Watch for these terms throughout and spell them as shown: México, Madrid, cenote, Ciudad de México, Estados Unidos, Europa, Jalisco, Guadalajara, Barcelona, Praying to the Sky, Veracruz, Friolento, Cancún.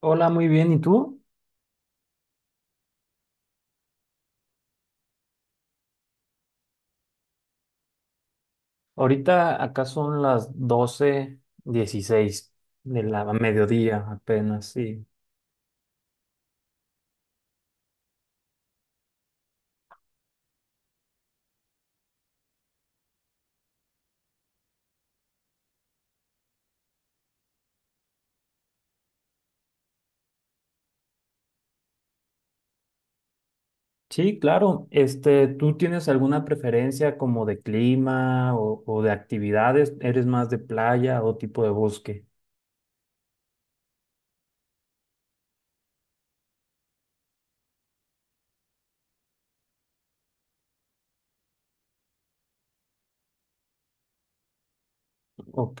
Hola, muy bien. ¿Y tú? Ahorita acá son las 12:16 de la mediodía apenas, sí. Sí, claro. Este, ¿tú tienes alguna preferencia como de clima o de actividades? ¿Eres más de playa o tipo de bosque? Ok.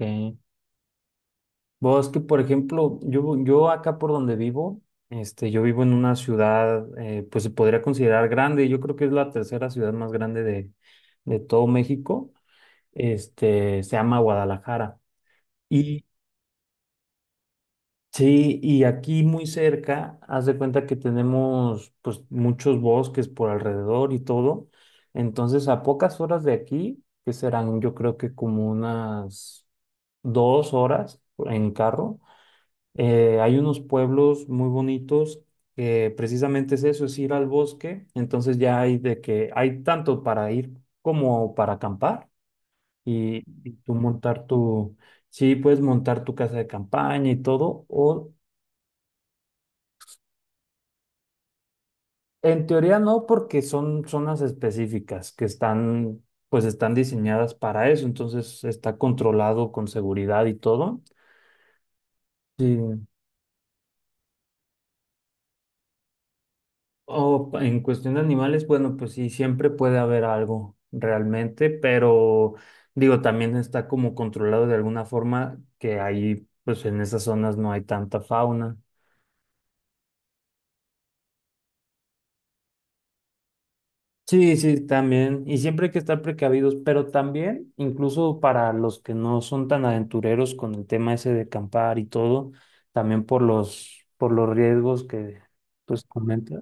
Bosque, por ejemplo, yo acá por donde vivo, este, yo vivo en una ciudad, pues se podría considerar grande. Yo creo que es la tercera ciudad más grande de todo México. Este, se llama Guadalajara. Y sí, y aquí muy cerca, haz de cuenta que tenemos pues muchos bosques por alrededor y todo. Entonces, a pocas horas de aquí, que serán yo creo que como unas 2 horas en carro, hay unos pueblos muy bonitos que precisamente es eso, es ir al bosque. Entonces ya hay de que hay tanto para ir como para acampar y tú montar tu... Sí, puedes montar tu casa de campaña y todo, o. En teoría no, porque son zonas específicas que están, pues están diseñadas para eso, entonces está controlado con seguridad y todo. Sí. O en cuestión de animales, bueno, pues sí, siempre puede haber algo realmente, pero digo, también está como controlado de alguna forma que ahí, pues en esas zonas no hay tanta fauna. Sí, sí, también. Y siempre hay que estar precavidos, pero también, incluso para los que no son tan aventureros con el tema ese de acampar y todo, también por los riesgos que pues comenta.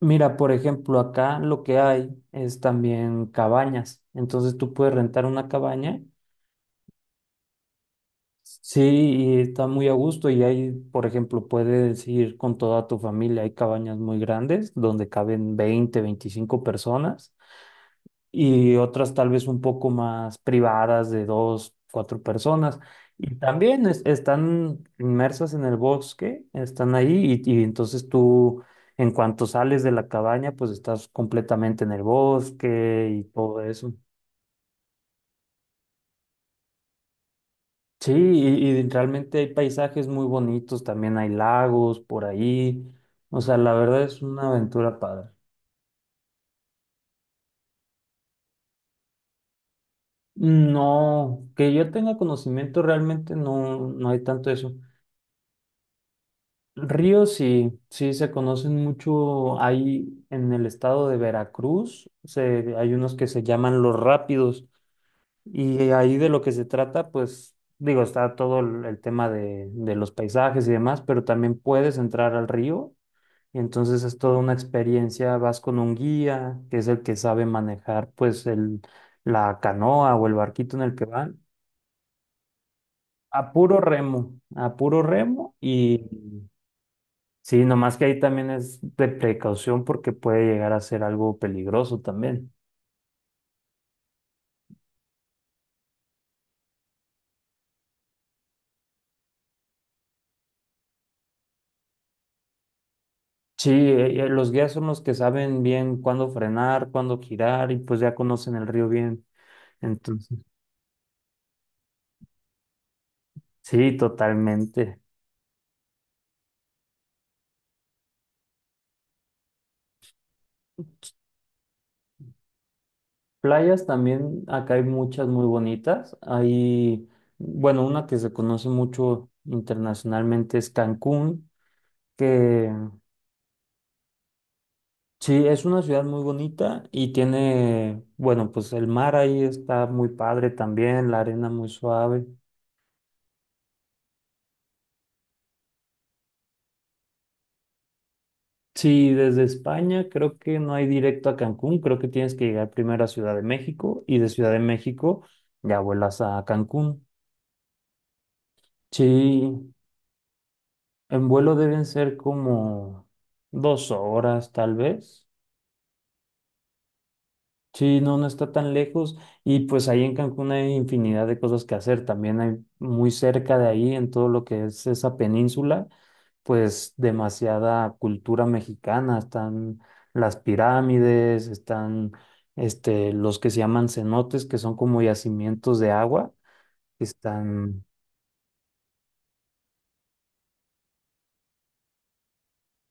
Mira, por ejemplo, acá lo que hay es también cabañas. Entonces tú puedes rentar una cabaña, sí, y está muy a gusto. Y ahí, por ejemplo, puedes ir con toda tu familia. Hay cabañas muy grandes donde caben 20, 25 personas y otras tal vez un poco más privadas de dos, cuatro personas. Y también están inmersas en el bosque, están ahí y entonces tú en cuanto sales de la cabaña pues estás completamente en el bosque y todo eso. Sí, y realmente hay paisajes muy bonitos, también hay lagos por ahí. O sea, la verdad es una aventura padre. No, que yo tenga conocimiento realmente no, no hay tanto eso. Ríos sí, sí se conocen mucho ahí en el estado de Veracruz. Hay unos que se llaman los rápidos y ahí de lo que se trata, pues digo, está todo el tema de los paisajes y demás, pero también puedes entrar al río y entonces es toda una experiencia. Vas con un guía que es el que sabe manejar pues el, la canoa o el barquito en el que van. A puro remo, a puro remo y mm. Sí, nomás que ahí también es de precaución porque puede llegar a ser algo peligroso también. Sí, los guías son los que saben bien cuándo frenar, cuándo girar y pues ya conocen el río bien. Entonces, sí, totalmente. Playas también, acá hay muchas muy bonitas. Hay, bueno, una que se conoce mucho internacionalmente es Cancún, que. Sí, es una ciudad muy bonita y tiene, bueno, pues el mar ahí está muy padre también, la arena muy suave. Sí, desde España creo que no hay directo a Cancún, creo que tienes que llegar primero a Ciudad de México y de Ciudad de México ya vuelas a Cancún. Sí, en vuelo deben ser como 2 horas tal vez. Sí, no, no está tan lejos y pues ahí en Cancún hay infinidad de cosas que hacer. También hay muy cerca de ahí, en todo lo que es esa península, pues demasiada cultura mexicana. Están las pirámides, están este, los que se llaman cenotes, que son como yacimientos de agua, que están.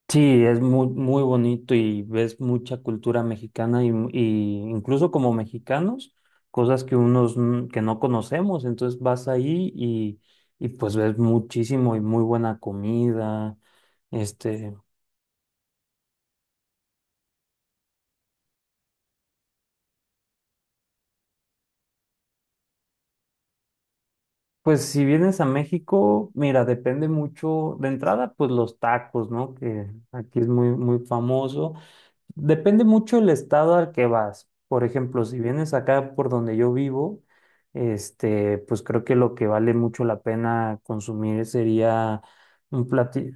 Sí, es muy, muy bonito y ves mucha cultura mexicana y incluso como mexicanos, cosas que unos que no conocemos, entonces vas ahí y pues ves muchísimo y muy buena comida. Este, pues si vienes a México, mira, depende mucho de entrada, pues los tacos, ¿no? Que aquí es muy, muy famoso. Depende mucho el estado al que vas. Por ejemplo, si vienes acá por donde yo vivo, este, pues creo que lo que vale mucho la pena consumir sería un platillo.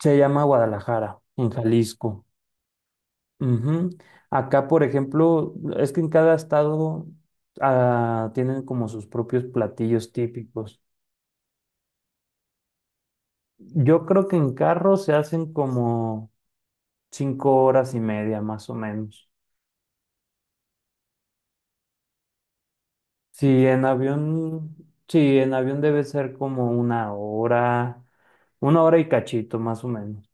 Se llama Guadalajara, en Jalisco. Ujú. Acá, por ejemplo, es que en cada estado ah, tienen como sus propios platillos típicos. Yo creo que en carro se hacen como 5 horas y media, más o menos. Sí, en avión, sí, en avión debe ser como una hora y cachito más o menos.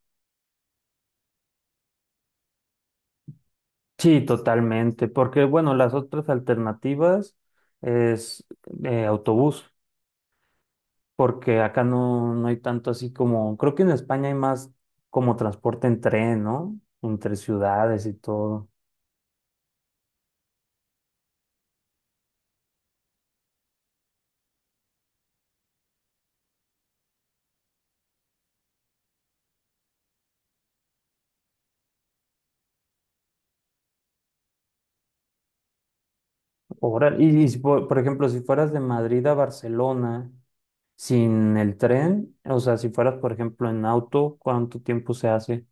Sí, totalmente, porque bueno, las otras alternativas es autobús, porque acá no, no hay tanto así como, creo que en España hay más como transporte en tren, ¿no? Entre ciudades y todo. Órale. Y si por, por ejemplo, si fueras de Madrid a Barcelona sin el tren, o sea, si fueras, por ejemplo, en auto, ¿cuánto tiempo se hace?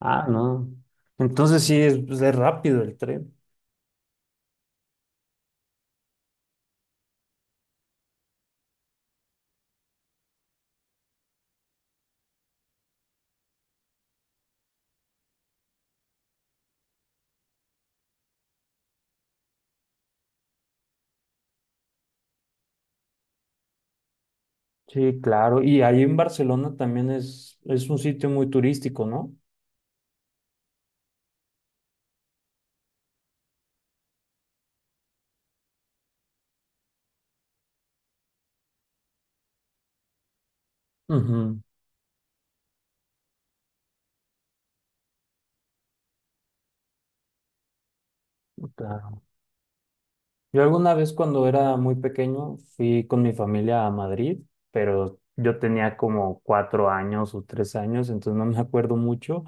Ah, no. Entonces sí, es, pues, es rápido el tren. Sí, claro. Y ahí en Barcelona también es un sitio muy turístico, ¿no? Ujú. Claro. Yo alguna vez cuando era muy pequeño fui con mi familia a Madrid, pero yo tenía como 4 años o 3 años, entonces no me acuerdo mucho.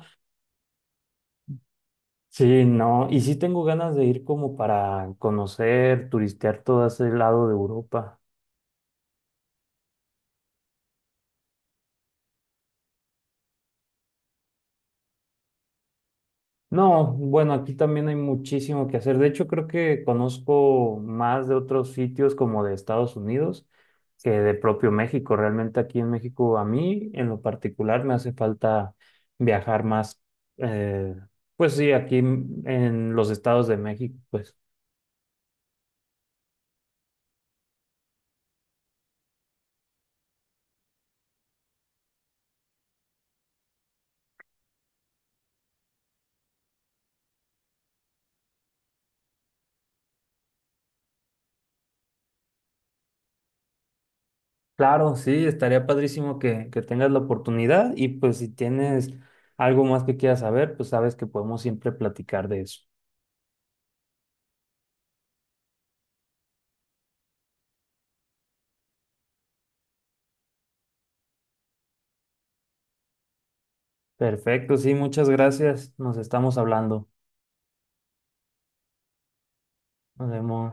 Sí, no, y sí tengo ganas de ir como para conocer, turistear todo ese lado de Europa. No, bueno, aquí también hay muchísimo que hacer. De hecho, creo que conozco más de otros sitios como de Estados Unidos que de propio México. Realmente aquí en México, a mí en lo particular, me hace falta viajar más. Eh, pues sí, aquí en los estados de México, pues claro, sí, estaría padrísimo que tengas la oportunidad y pues si tienes algo más que quieras saber, pues sabes que podemos siempre platicar de eso. Perfecto, sí, muchas gracias. Nos estamos hablando. Nos vemos.